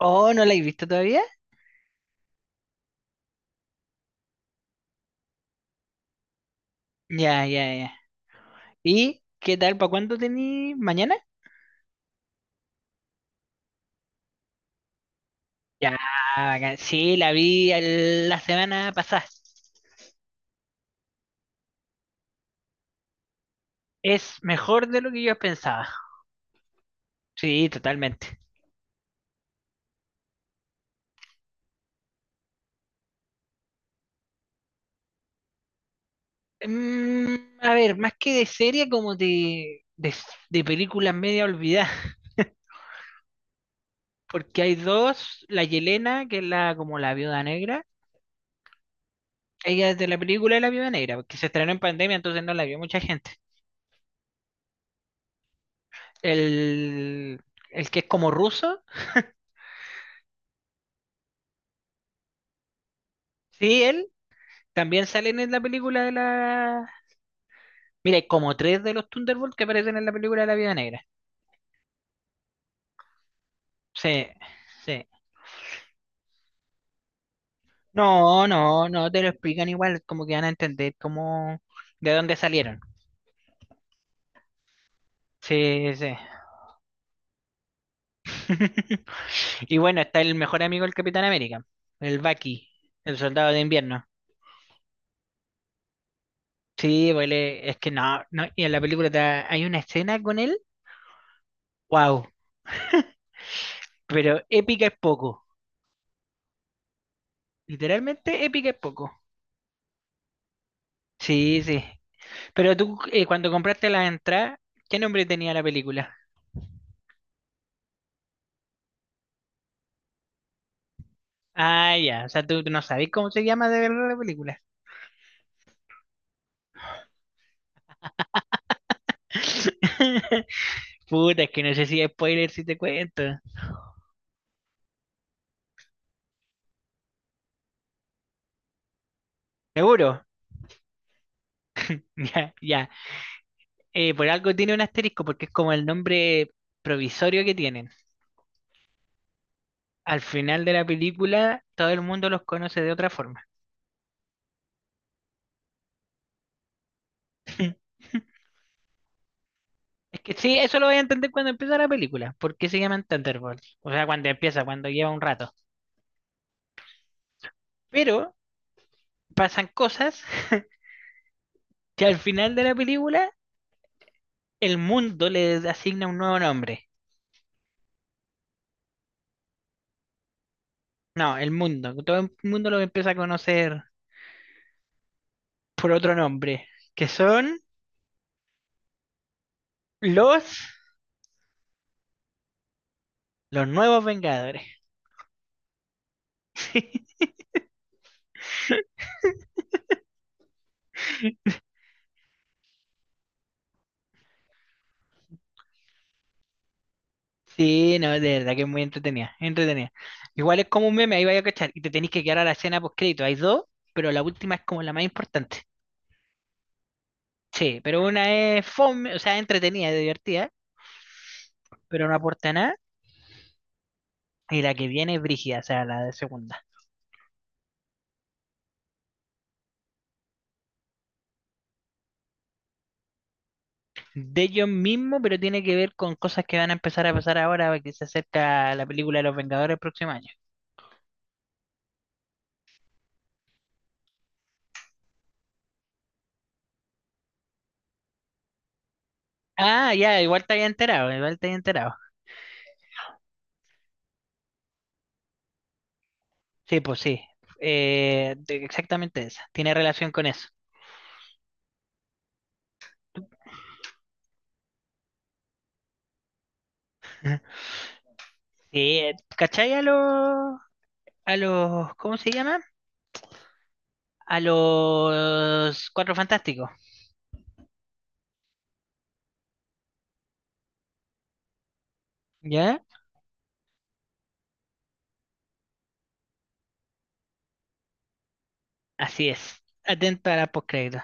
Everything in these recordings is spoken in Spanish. Oh, ¿no la he visto todavía? Ya, ya, ya. ¿Y qué tal? ¿Para cuándo tení? ¿Mañana? Ya, bacán. Sí, la vi la semana pasada. Es mejor de lo que yo pensaba. Sí, totalmente. A ver, más que de serie, como de películas media olvidadas. Porque hay dos, la Yelena, que es la como la viuda negra. Ella es de la película de la viuda negra, porque se estrenó en pandemia, entonces no la vio mucha gente. El, el que es como ruso, sí, él. También salen en la película de la... Mira, hay como tres de los Thunderbolts que aparecen en la película de la Vida Negra. Sí, sí. No, no, no te lo explican igual, como que van a entender cómo de dónde salieron. Sí, sí. Y bueno, está el mejor amigo del Capitán América, el Bucky, el soldado de invierno. Sí, pues él es que no, no, y en la película hay una escena con él, wow, pero épica es poco, literalmente épica es poco. Sí, sí, pero tú, cuando compraste la entrada, ¿qué nombre tenía la película? Ah, ya, o sea, tú no sabes cómo se llama de verdad la película. Puta, es que no sé si es spoiler si te cuento. ¿Seguro? Ya, ya. Por algo tiene un asterisco, porque es como el nombre provisorio que tienen. Al final de la película, todo el mundo los conoce de otra forma. Es que sí, eso lo voy a entender cuando empieza la película. ¿Por qué se llaman Thunderbolts? O sea, cuando empieza, cuando lleva un rato. Pero pasan cosas que al final de la película el mundo le asigna un nuevo nombre. No, el mundo. Todo el mundo lo empieza a conocer por otro nombre, que son los, los nuevos Vengadores. Sí, no, de verdad que es muy entretenida, entretenida. Igual es como un meme, ahí vaya a cachar, y te tenés que quedar a la escena post crédito. Hay dos, pero la última es como la más importante. Sí, pero una es fome, o sea, entretenida, divertida, pero no aporta nada, y la que viene es brígida, o sea, la de segunda. De ellos mismos, pero tiene que ver con cosas que van a empezar a pasar ahora, que se acerca la película de Los Vengadores el próximo año. Ah, ya, igual te había enterado, igual te había enterado. Sí, pues sí, exactamente esa, tiene relación con eso. Sí, ¿cachai a los, ¿cómo se llama? A los Cuatro Fantásticos, ¿ya? Así es, atento a la postcrédito.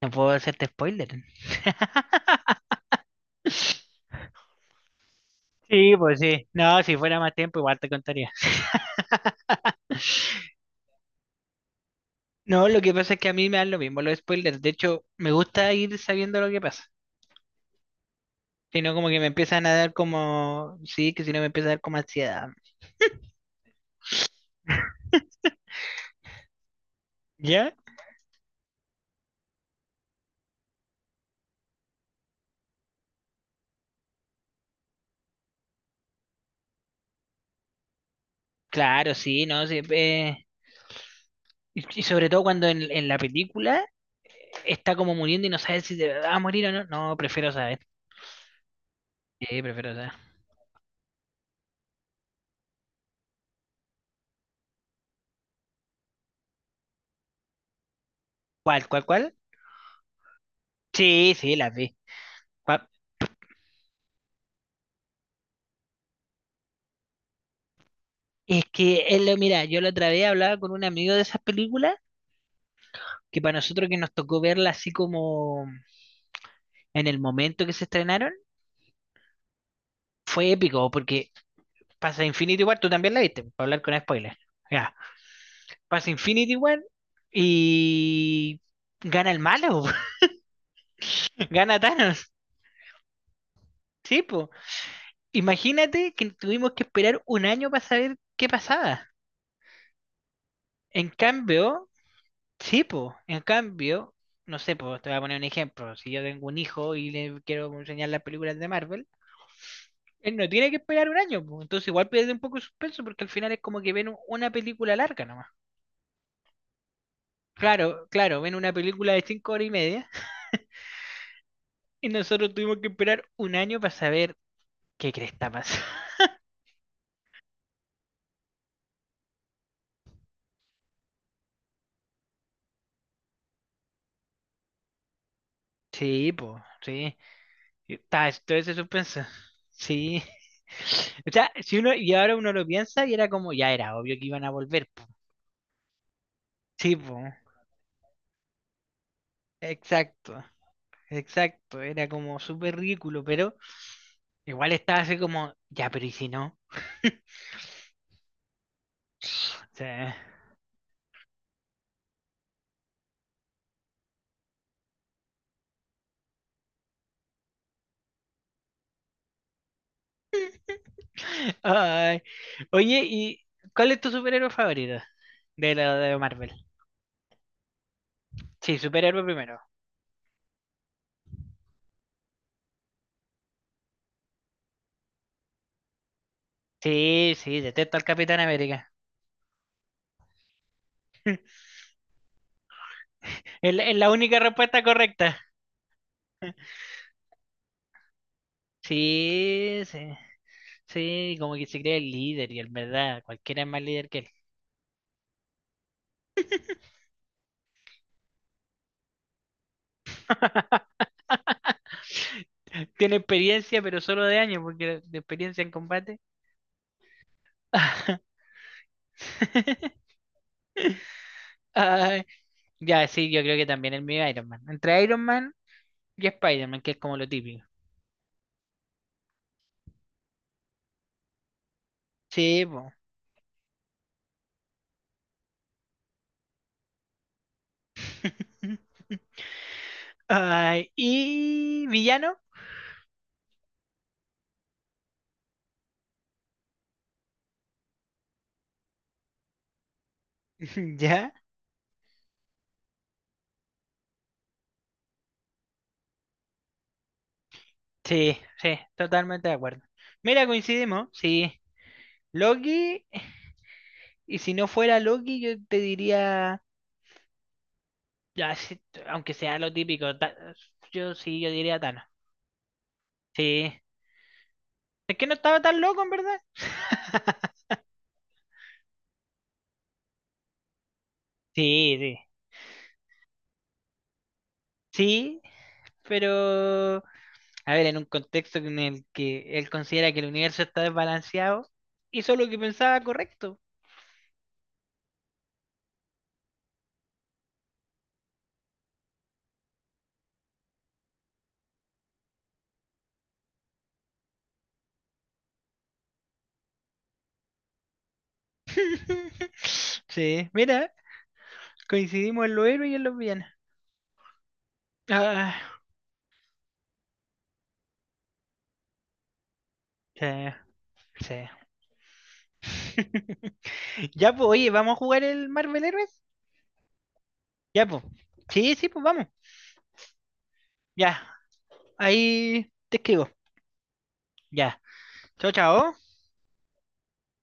No puedo hacerte spoiler. Sí, pues sí. No, si fuera más tiempo, igual te contaría. No, lo que pasa es que a mí me dan lo mismo los spoilers. De hecho, me gusta ir sabiendo lo que pasa. Si no, como que me empiezan a dar como, sí, que si no me empieza a dar como ansiedad. ¿Ya? Claro, sí, ¿no? Sí, y sobre todo cuando en la película está como muriendo y no sabes si de va a morir o no. No, prefiero saber. Sí, prefiero saber. ¿Cuál, cuál, cuál? Sí, sí, las vi. Cua- Es que, mira, yo la otra vez hablaba con un amigo de esas películas que para nosotros que nos tocó verla así como en el momento que se estrenaron fue épico porque pasa Infinity War, tú también la viste, para hablar con spoilers. Ya, pasa Infinity War y gana el malo, gana Thanos. Sí, po. Imagínate que tuvimos que esperar un año para saber qué pasaba. En cambio, sí, po, en cambio, no sé, po, te voy a poner un ejemplo. Si yo tengo un hijo y le quiero enseñar las películas de Marvel, él no tiene que esperar un año, po. Entonces igual pierde un poco de suspenso porque al final es como que ven una película larga nomás. Claro, claro, ven una película de 5 horas y media y nosotros tuvimos que esperar un año para saber qué cresta pasa. Sí, pues, sí. Está todo ese suspenso. Sí. O sea, si uno, y ahora uno lo piensa y era como, ya era obvio que iban a volver, po. Sí, pues. Exacto, exacto. Era como súper ridículo, pero igual estaba así como, ya, pero ¿y si no? O sea, ay. Oye, ¿y cuál es tu superhéroe favorito de la de Marvel? Sí, superhéroe primero. Sí, sí, detesto al Capitán América. Es la única respuesta correcta. Sí, sí. Sí, como que se cree el líder y en verdad, cualquiera es más líder que él. Tiene experiencia, pero solo de años, porque de experiencia en combate. Ay, ya, sí, yo creo que también el mío es Iron Man. Entre Iron Man y Spider-Man, que es como lo típico. Sí, po. Ay, ¿y villano? Ya. Sí, sí, totalmente de acuerdo. Mira, coincidimos, sí. Loki, y si no fuera Loki, yo te diría, ya, sí, aunque sea lo típico, yo sí, yo diría Thanos. Sí, es que no estaba tan loco, en verdad. Sí, sí, sí, pero, a ver, en un contexto en el que él considera que el universo está desbalanceado, hizo lo que pensaba correcto. Sí, mira, coincidimos en los héroes y en los villanos. Ah, sí, sí. Ya, pues, oye, ¿vamos a jugar el Marvel Heroes? Ya, pues. Sí, sí, pues vamos. Ya, ahí te escribo. Ya. Chao, chao.